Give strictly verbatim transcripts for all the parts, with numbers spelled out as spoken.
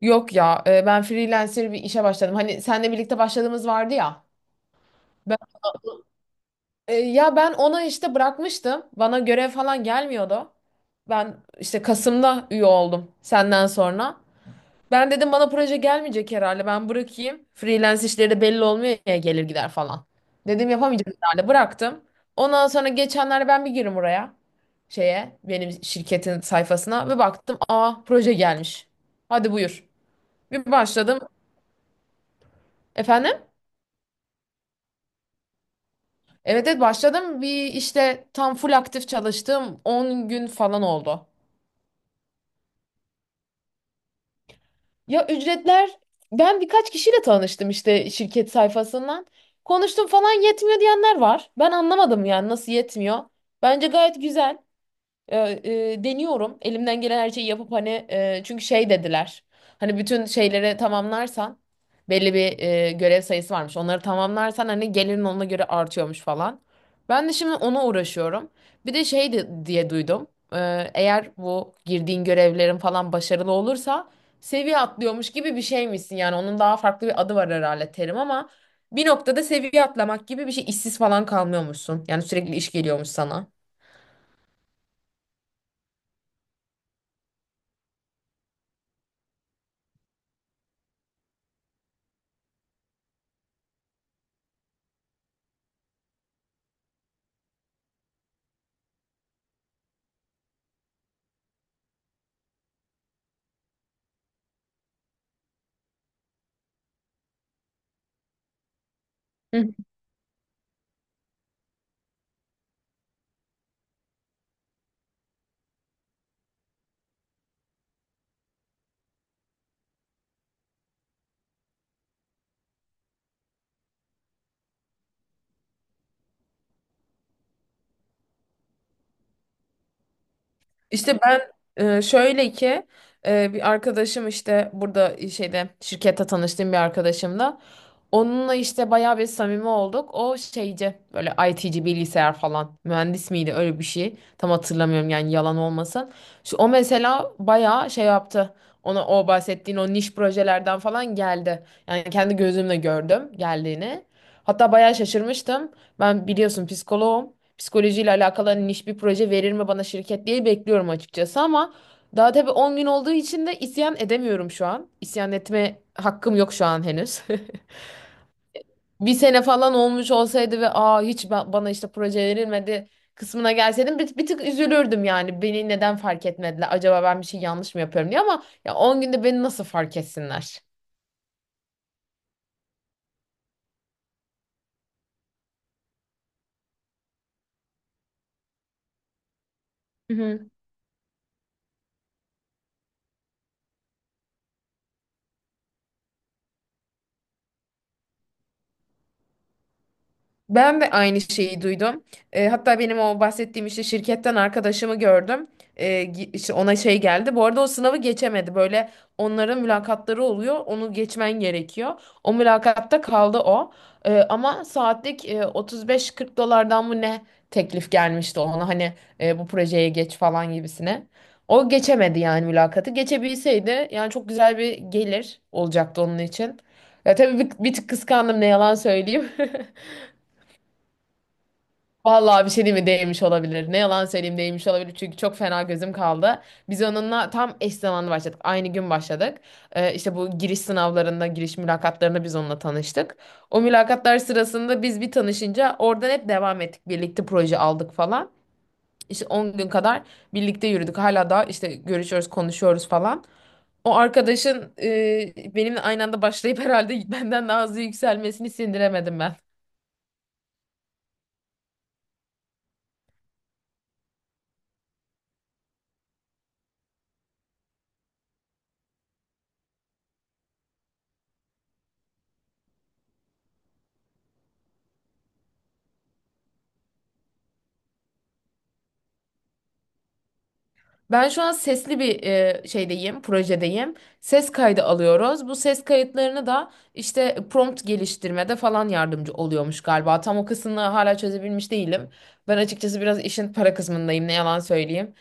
Yok ya e, ben freelancer bir işe başladım. Hani seninle birlikte başladığımız vardı ya. Ben, e, ya ben ona işte bırakmıştım. Bana görev falan gelmiyordu. Ben işte Kasım'da üye oldum senden sonra. Ben dedim bana proje gelmeyecek herhalde. Ben bırakayım. Freelance işleri de belli olmuyor ya gelir gider falan. Dedim yapamayacağım herhalde. Bıraktım. Ondan sonra geçenlerde ben bir girdim oraya. Şeye benim şirketin sayfasına ve baktım aa proje gelmiş. Hadi buyur. Bir başladım. Efendim? Evet, evet, başladım. Bir işte tam full aktif çalıştığım on gün falan oldu. Ya ücretler ben birkaç kişiyle tanıştım işte şirket sayfasından. Konuştum falan yetmiyor diyenler var. Ben anlamadım yani nasıl yetmiyor. Bence gayet güzel. E, e, Deniyorum. Elimden gelen her şeyi yapıp hani e, çünkü şey dediler. Hani bütün şeyleri tamamlarsan belli bir e, görev sayısı varmış. Onları tamamlarsan hani gelirin ona göre artıyormuş falan. Ben de şimdi ona uğraşıyorum. Bir de şey de- diye duydum. E, eğer bu girdiğin görevlerin falan başarılı olursa seviye atlıyormuş gibi bir şeymişsin. Yani onun daha farklı bir adı var herhalde terim ama bir noktada seviye atlamak gibi bir şey işsiz falan kalmıyormuşsun. Yani sürekli iş geliyormuş sana. Hı hı. İşte ben e, şöyle ki e, bir arkadaşım işte burada şeyde şirkette tanıştığım bir arkadaşımla onunla işte bayağı bir samimi olduk. O şeyci böyle I T'ci bilgisayar falan mühendis miydi öyle bir şey. Tam hatırlamıyorum yani yalan olmasın. Şu, o mesela bayağı şey yaptı. Ona o bahsettiğin o niş projelerden falan geldi. Yani kendi gözümle gördüm geldiğini. Hatta bayağı şaşırmıştım. Ben biliyorsun psikoloğum. Psikolojiyle alakalı hani niş bir proje verir mi bana şirket diye bekliyorum açıkçası ama daha tabii on gün olduğu için de isyan edemiyorum şu an. İsyan etme hakkım yok şu an henüz. Bir sene falan olmuş olsaydı ve aa hiç ba- bana işte proje verilmedi kısmına gelseydim bir, bir tık üzülürdüm yani. Beni neden fark etmediler? Acaba ben bir şey yanlış mı yapıyorum diye ama ya on günde beni nasıl fark etsinler? Ben de aynı şeyi duydum. E, hatta benim o bahsettiğim işte şirketten arkadaşımı gördüm. E, gi- işte ona şey geldi. Bu arada o sınavı geçemedi. Böyle onların mülakatları oluyor. Onu geçmen gerekiyor. O mülakatta kaldı o. E, ama saatlik e, 35-40 dolardan mı ne teklif gelmişti ona. Hani e, bu projeye geç falan gibisine. O geçemedi yani mülakatı. Geçebilseydi yani çok güzel bir gelir olacaktı onun için. Ya tabii bir, bir tık kıskandım ne yalan söyleyeyim. Vallahi bir şey değil mi değmiş olabilir. Ne yalan söyleyeyim değmiş olabilir çünkü çok fena gözüm kaldı. Biz onunla tam eş zamanlı başladık. Aynı gün başladık. Ee, işte bu giriş sınavlarında, giriş mülakatlarında biz onunla tanıştık. O mülakatlar sırasında biz bir tanışınca oradan hep devam ettik. Birlikte proje aldık falan. İşte on gün kadar birlikte yürüdük. Hala da işte görüşüyoruz, konuşuyoruz falan. O arkadaşın e, benimle aynı anda başlayıp herhalde benden daha hızlı yükselmesini sindiremedim ben. Ben şu an sesli bir e, şeydeyim, projedeyim. Ses kaydı alıyoruz. Bu ses kayıtlarını da işte prompt geliştirmede falan yardımcı oluyormuş galiba. Tam o kısmını hala çözebilmiş değilim. Ben açıkçası biraz işin para kısmındayım, ne yalan söyleyeyim.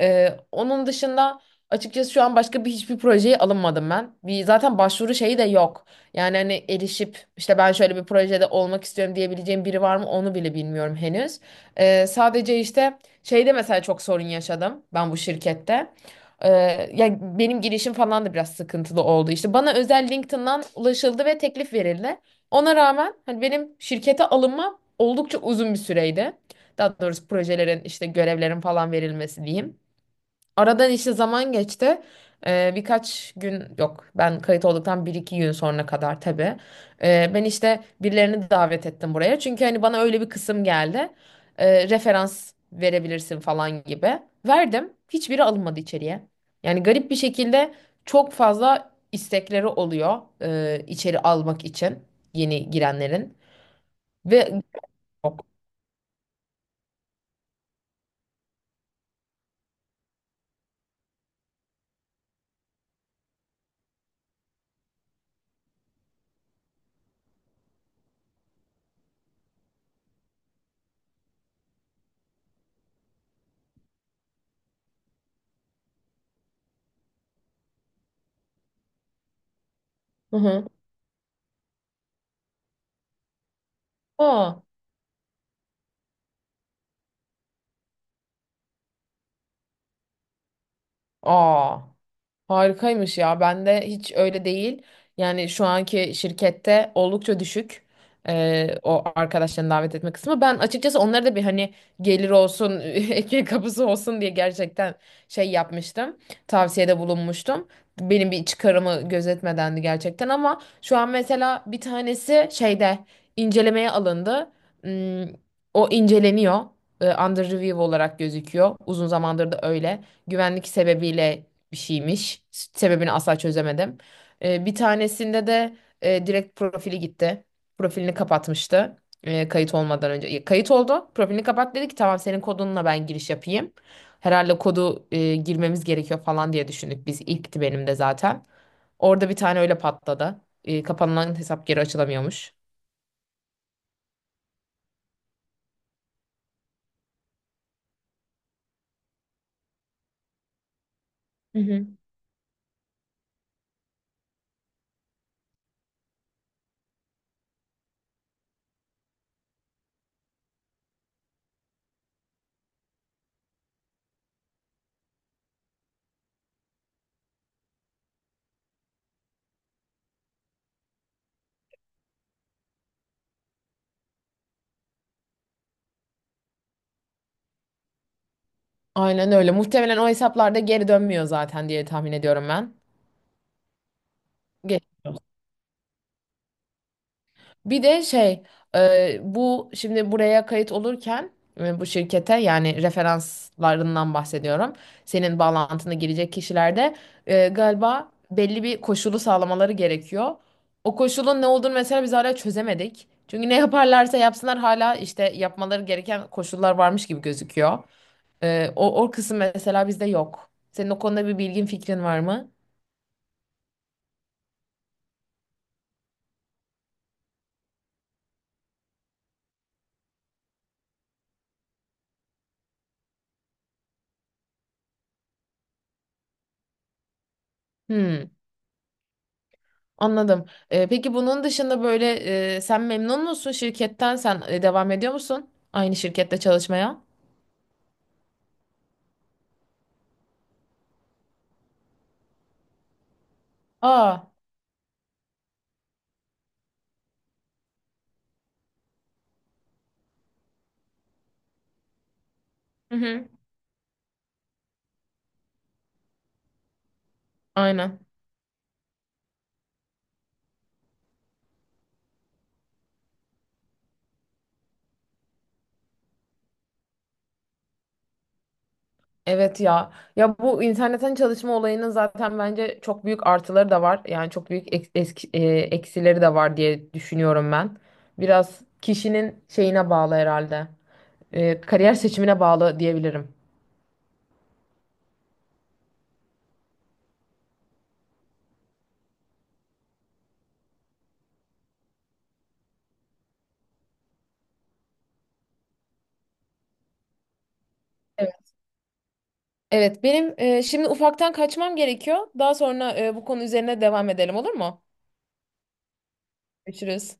Ee, onun dışında açıkçası şu an başka bir hiçbir projeye alınmadım ben. Bir, zaten başvuru şeyi de yok. Yani hani erişip işte ben şöyle bir projede olmak istiyorum diyebileceğim biri var mı onu bile bilmiyorum henüz. Ee, sadece işte şeyde mesela çok sorun yaşadım ben bu şirkette. Ee, Ya benim girişim falan da biraz sıkıntılı oldu. İşte bana özel LinkedIn'dan ulaşıldı ve teklif verildi. Ona rağmen hani benim şirkete alınmam oldukça uzun bir süreydi. Daha doğrusu projelerin işte görevlerin falan verilmesi diyeyim. Aradan işte zaman geçti. Ee, birkaç gün yok ben kayıt olduktan bir iki gün sonra kadar tabii. Ee, ben işte birilerini davet ettim buraya. Çünkü hani bana öyle bir kısım geldi. Ee, referans verebilirsin falan gibi. Verdim. Hiçbiri alınmadı içeriye. Yani garip bir şekilde çok fazla istekleri oluyor e, içeri almak için yeni girenlerin. Ve yok. Hı hı. Aa. Aa. Harikaymış ya. Bende hiç öyle değil. Yani şu anki şirkette oldukça düşük. E, o arkadaşlarını davet etme kısmı. Ben açıkçası onlara da bir hani gelir olsun, ekmek kapısı olsun diye gerçekten şey yapmıştım. Tavsiyede bulunmuştum. Benim bir çıkarımı gözetmedendi gerçekten ama şu an mesela bir tanesi şeyde incelemeye alındı. Hmm, O inceleniyor. E, Under review olarak gözüküyor. Uzun zamandır da öyle güvenlik sebebiyle bir şeymiş. Sebebini asla çözemedim. Ee, bir tanesinde de e, direkt profili gitti. Profilini kapatmıştı. E, kayıt olmadan önce. E, Kayıt oldu. Profilini kapat dedi ki tamam senin kodunla ben giriş yapayım. Herhalde kodu e, girmemiz gerekiyor falan diye düşündük biz. İlkti benim de zaten. Orada bir tane öyle patladı. E, kapanılan hesap geri açılamıyormuş. Hı hı. Aynen öyle. Muhtemelen o hesaplarda geri dönmüyor zaten diye tahmin ediyorum ben. Bir de şey e, bu şimdi buraya kayıt olurken e, bu şirkete yani referanslarından bahsediyorum. Senin bağlantına girecek kişilerde e, galiba belli bir koşulu sağlamaları gerekiyor. O koşulun ne olduğunu mesela biz hala çözemedik. Çünkü ne yaparlarsa yapsınlar hala işte yapmaları gereken koşullar varmış gibi gözüküyor. E, o, o kısım mesela bizde yok. Senin o konuda bir bilgin fikrin var mı? Hmm. Anladım. Ee, peki bunun dışında böyle e, sen memnun musun şirketten? Sen e, devam ediyor musun aynı şirkette çalışmaya? Aa. Hı hı. Aynen. Evet ya. Ya bu internetten çalışma olayının zaten bence çok büyük artıları da var. Yani çok büyük ek- eski- e, eksileri de var diye düşünüyorum ben. Biraz kişinin şeyine bağlı herhalde. E, kariyer seçimine bağlı diyebilirim. Evet, evet, benim e, şimdi ufaktan kaçmam gerekiyor. Daha sonra e, bu konu üzerine devam edelim olur mu? Görüşürüz.